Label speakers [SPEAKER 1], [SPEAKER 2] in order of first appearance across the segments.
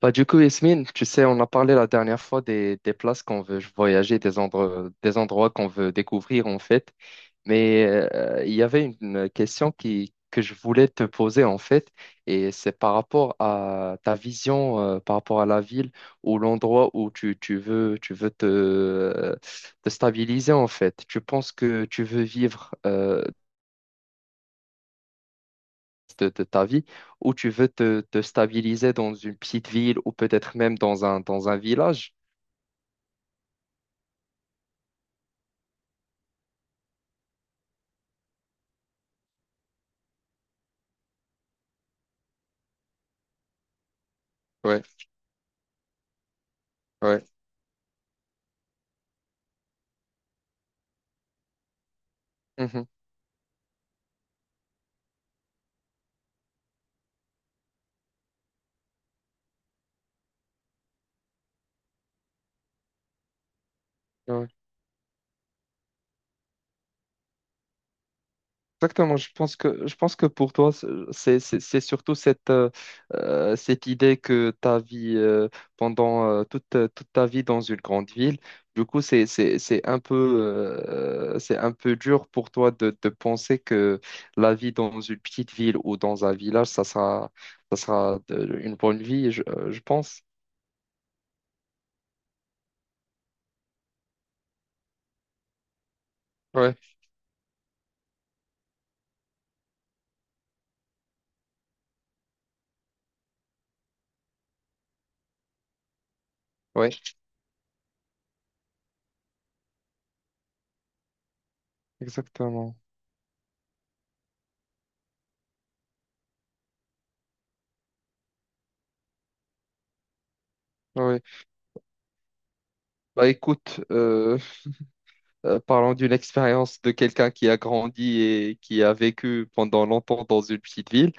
[SPEAKER 1] Bah, du coup, Yasmine, tu sais, on a parlé la dernière fois des places qu'on veut voyager, des endroits qu'on veut découvrir en fait. Mais il y avait une question que je voulais te poser en fait, et c'est par rapport à ta vision, par rapport à la ville ou l'endroit où tu veux te stabiliser en fait. Tu penses que tu veux vivre de ta vie ou tu veux te stabiliser dans une petite ville ou peut-être même dans dans un village? Ouais, ouais. Mhm, ouais. Exactement. Je pense que pour toi, c'est, surtout cette, cette idée que ta vie, pendant toute ta vie dans une grande ville, du coup, c'est un peu dur pour toi de penser que la vie dans une petite ville ou dans un village, une bonne vie, je pense. Ouais, ouais, exactement. Ouais. Bah écoute, parlons d'une expérience de quelqu'un qui a grandi et qui a vécu pendant longtemps dans une petite ville.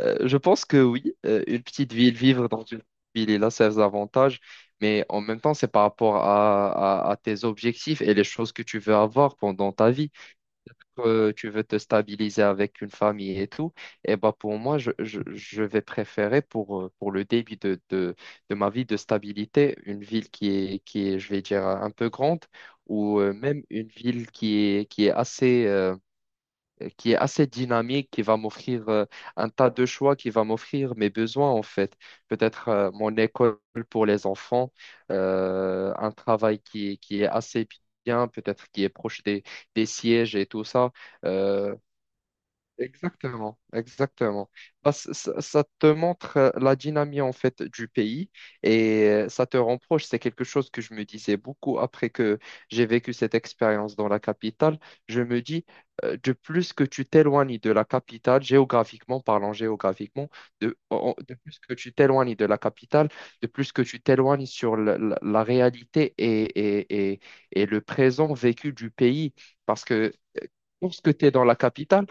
[SPEAKER 1] Je pense que oui, une petite ville, vivre dans une petite ville, il a ses avantages, mais en même temps, c'est par rapport à, à tes objectifs et les choses que tu veux avoir pendant ta vie tu veux te stabiliser avec une famille et tout, et bah pour moi, je vais préférer pour, pour le début de ma vie de stabilité, une ville qui est, je vais dire, un peu grande, ou même une ville qui est assez dynamique, qui va m'offrir un tas de choix, qui va m'offrir mes besoins en fait. Peut-être mon école pour les enfants, un travail qui est assez bien, peut-être qui est proche des sièges et tout ça. Euh, Exactement, exactement. Bah, ça te montre la dynamique en fait du pays et ça te rend proche. C'est quelque chose que je me disais beaucoup après que j'ai vécu cette expérience dans la capitale. Je me dis, de plus que tu t'éloignes de la capitale, géographiquement parlant, géographiquement, de plus que tu t'éloignes de la capitale, de plus que tu t'éloignes sur la, la réalité et, et, et le présent vécu du pays. Parce que euh, lorsque tu es dans la capitale,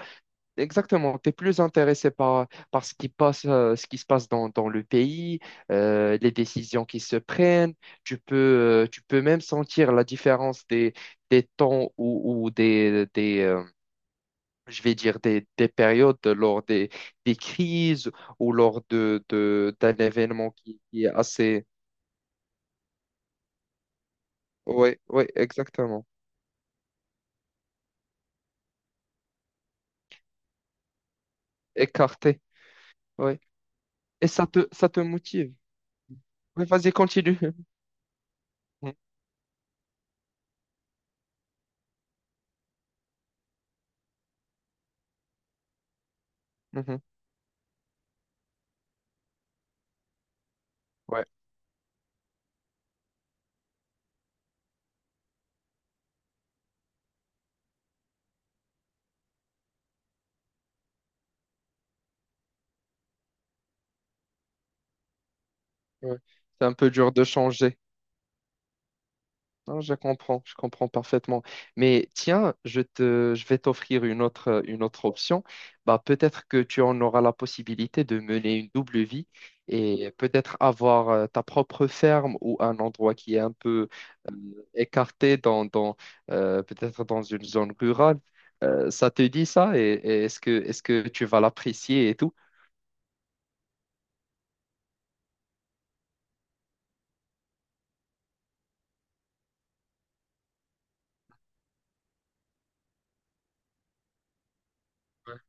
[SPEAKER 1] exactement, tu es plus intéressé par, par ce qui passe, ce qui se passe dans, dans le pays, les décisions qui se prennent. Tu peux même sentir la différence des temps ou, je vais dire, des périodes lors des crises ou lors d'un événement qui est assez... Oui, oui, exactement. Écarté, oui. Et ça te motive. Oui, vas-y, continue. Mhm, mhm. Ouais, ouais. C'est un peu dur de changer. Non, je comprends parfaitement. Mais tiens, je vais t'offrir une autre option. Bah, peut-être que tu en auras la possibilité de mener une double vie et peut-être avoir ta propre ferme ou un endroit qui est un peu euh, écarté dans, peut-être dans une zone rurale. Ça te dit ça et est-ce que tu vas l'apprécier et tout? Ouais.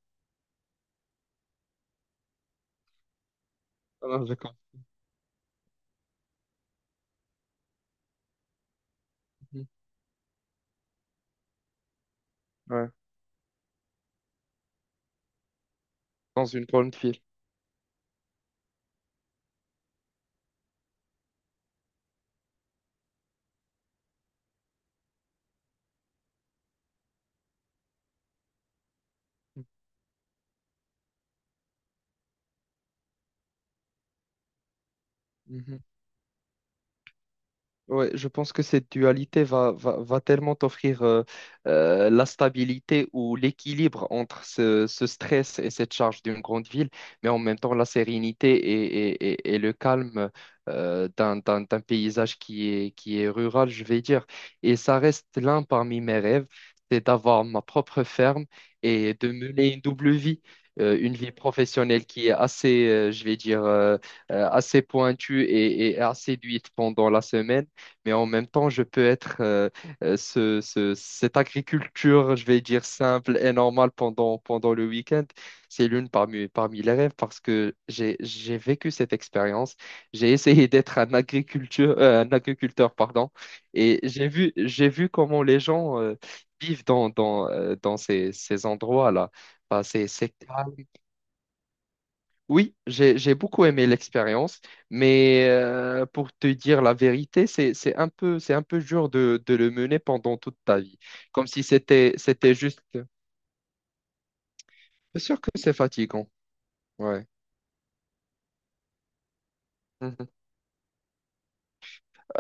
[SPEAKER 1] Ah non, je comprends. Ouais, dans une grande ville. Ouais, je pense que cette dualité va tellement t'offrir la stabilité ou l'équilibre entre ce stress et cette charge d'une grande ville, mais en même temps la sérénité et le calme d'un paysage qui est rural, je vais dire. Et ça reste l'un parmi mes rêves, c'est d'avoir ma propre ferme et de mener une double vie. Une vie professionnelle qui est assez, je vais dire, assez pointue et assez duite pendant la semaine mais en même temps, je peux être cette agriculture, je vais dire simple et normale pendant le week-end. C'est l'une parmi, parmi les rêves parce que j'ai vécu cette expérience. J'ai essayé d'être un agriculteur, un agriculteur, pardon, et j'ai vu comment les gens vivent dans, dans ces endroits-là. Bah, c'est calme, oui, j'ai beaucoup aimé l'expérience, mais pour te dire la vérité, c'est un peu dur de le mener pendant toute ta vie, comme si c'était juste. Bien sûr que c'est fatigant. Ouais.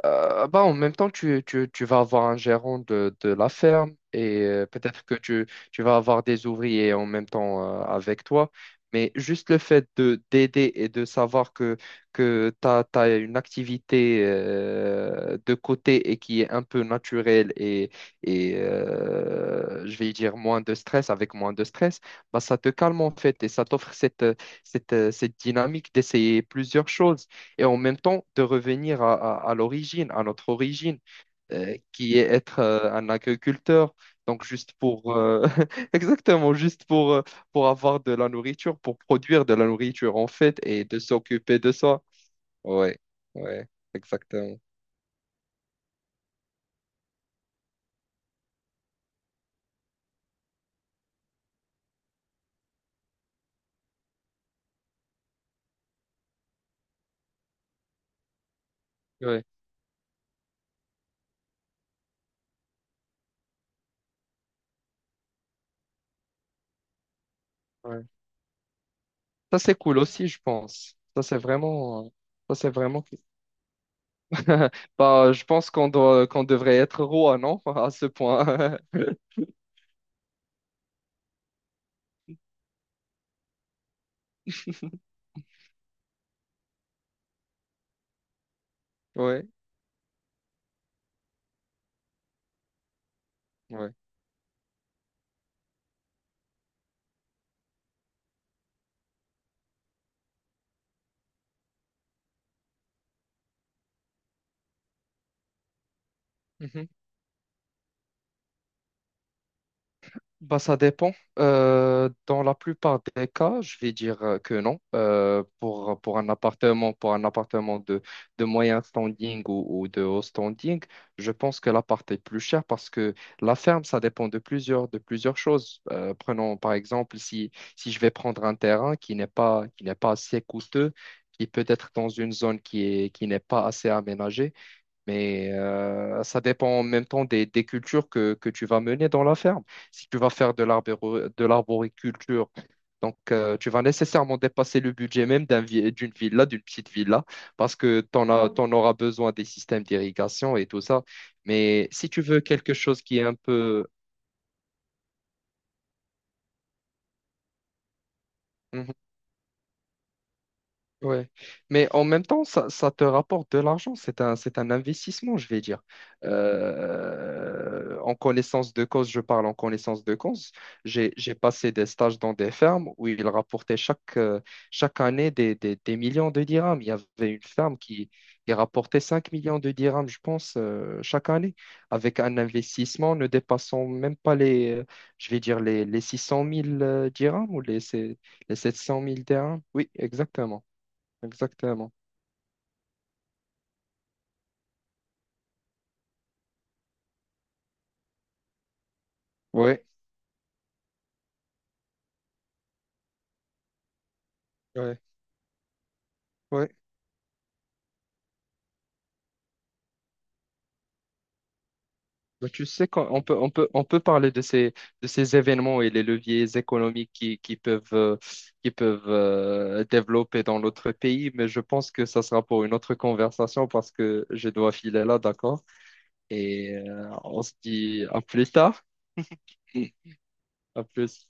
[SPEAKER 1] Bah, en même temps, tu vas avoir un gérant de la ferme et peut-être que tu vas avoir des ouvriers en même temps avec toi. Mais juste le fait de d'aider et de savoir que tu as, une activité de côté et qui est un peu naturelle et je vais dire moins de stress, avec moins de stress, bah, ça te calme en fait et ça t'offre cette dynamique d'essayer plusieurs choses et en même temps de revenir à, à l'origine, à notre origine, qui est être un agriculteur. Donc juste pour exactement juste pour avoir de la nourriture, pour produire de la nourriture en fait et de s'occuper de ça. Ouais, ouais, exactement. Ouais, ouais. Ça c'est cool aussi, je pense. Ça c'est vraiment bah je pense qu'on devrait être roi, non? À ce point. Ouais, ouais. Bah, ça dépend. Dans la plupart des cas, je vais dire que non. Pour un appartement, pour un appartement de moyen standing ou de haut standing, je pense que l'appart est plus cher parce que la ferme, ça dépend de plusieurs choses. Prenons par exemple, si je vais prendre un terrain qui n'est pas assez coûteux, qui peut être dans une zone qui est, qui n'est pas assez aménagée. Mais ça dépend en même temps des cultures que tu vas mener dans la ferme. Si tu vas faire de l'arboriculture, donc tu vas nécessairement dépasser le budget même d'une petite villa, parce que tu en as, t'en auras besoin des systèmes d'irrigation et tout ça. Mais si tu veux quelque chose qui est un peu... Hmm. Ouais, mais en même temps, ça te rapporte de l'argent. C'est un investissement, je vais dire. En connaissance de cause, je parle en connaissance de cause. J'ai passé des stages dans des fermes où ils rapportaient chaque année des millions de dirhams. Il y avait une ferme qui rapportait 5 millions de dirhams, je pense, chaque année, avec un investissement ne dépassant même pas les, je vais dire, les 600 000 dirhams ou les 700 000 dirhams. Oui, exactement. Exactement. Ouais, ouais, ouais. Bah, tu sais qu'on on peut, on peut, on peut parler de ces événements et les leviers économiques qui peuvent développer dans l'autre pays, mais je pense que ça sera pour une autre conversation parce que je dois filer là, d'accord? Et on se dit à plus tard. À plus.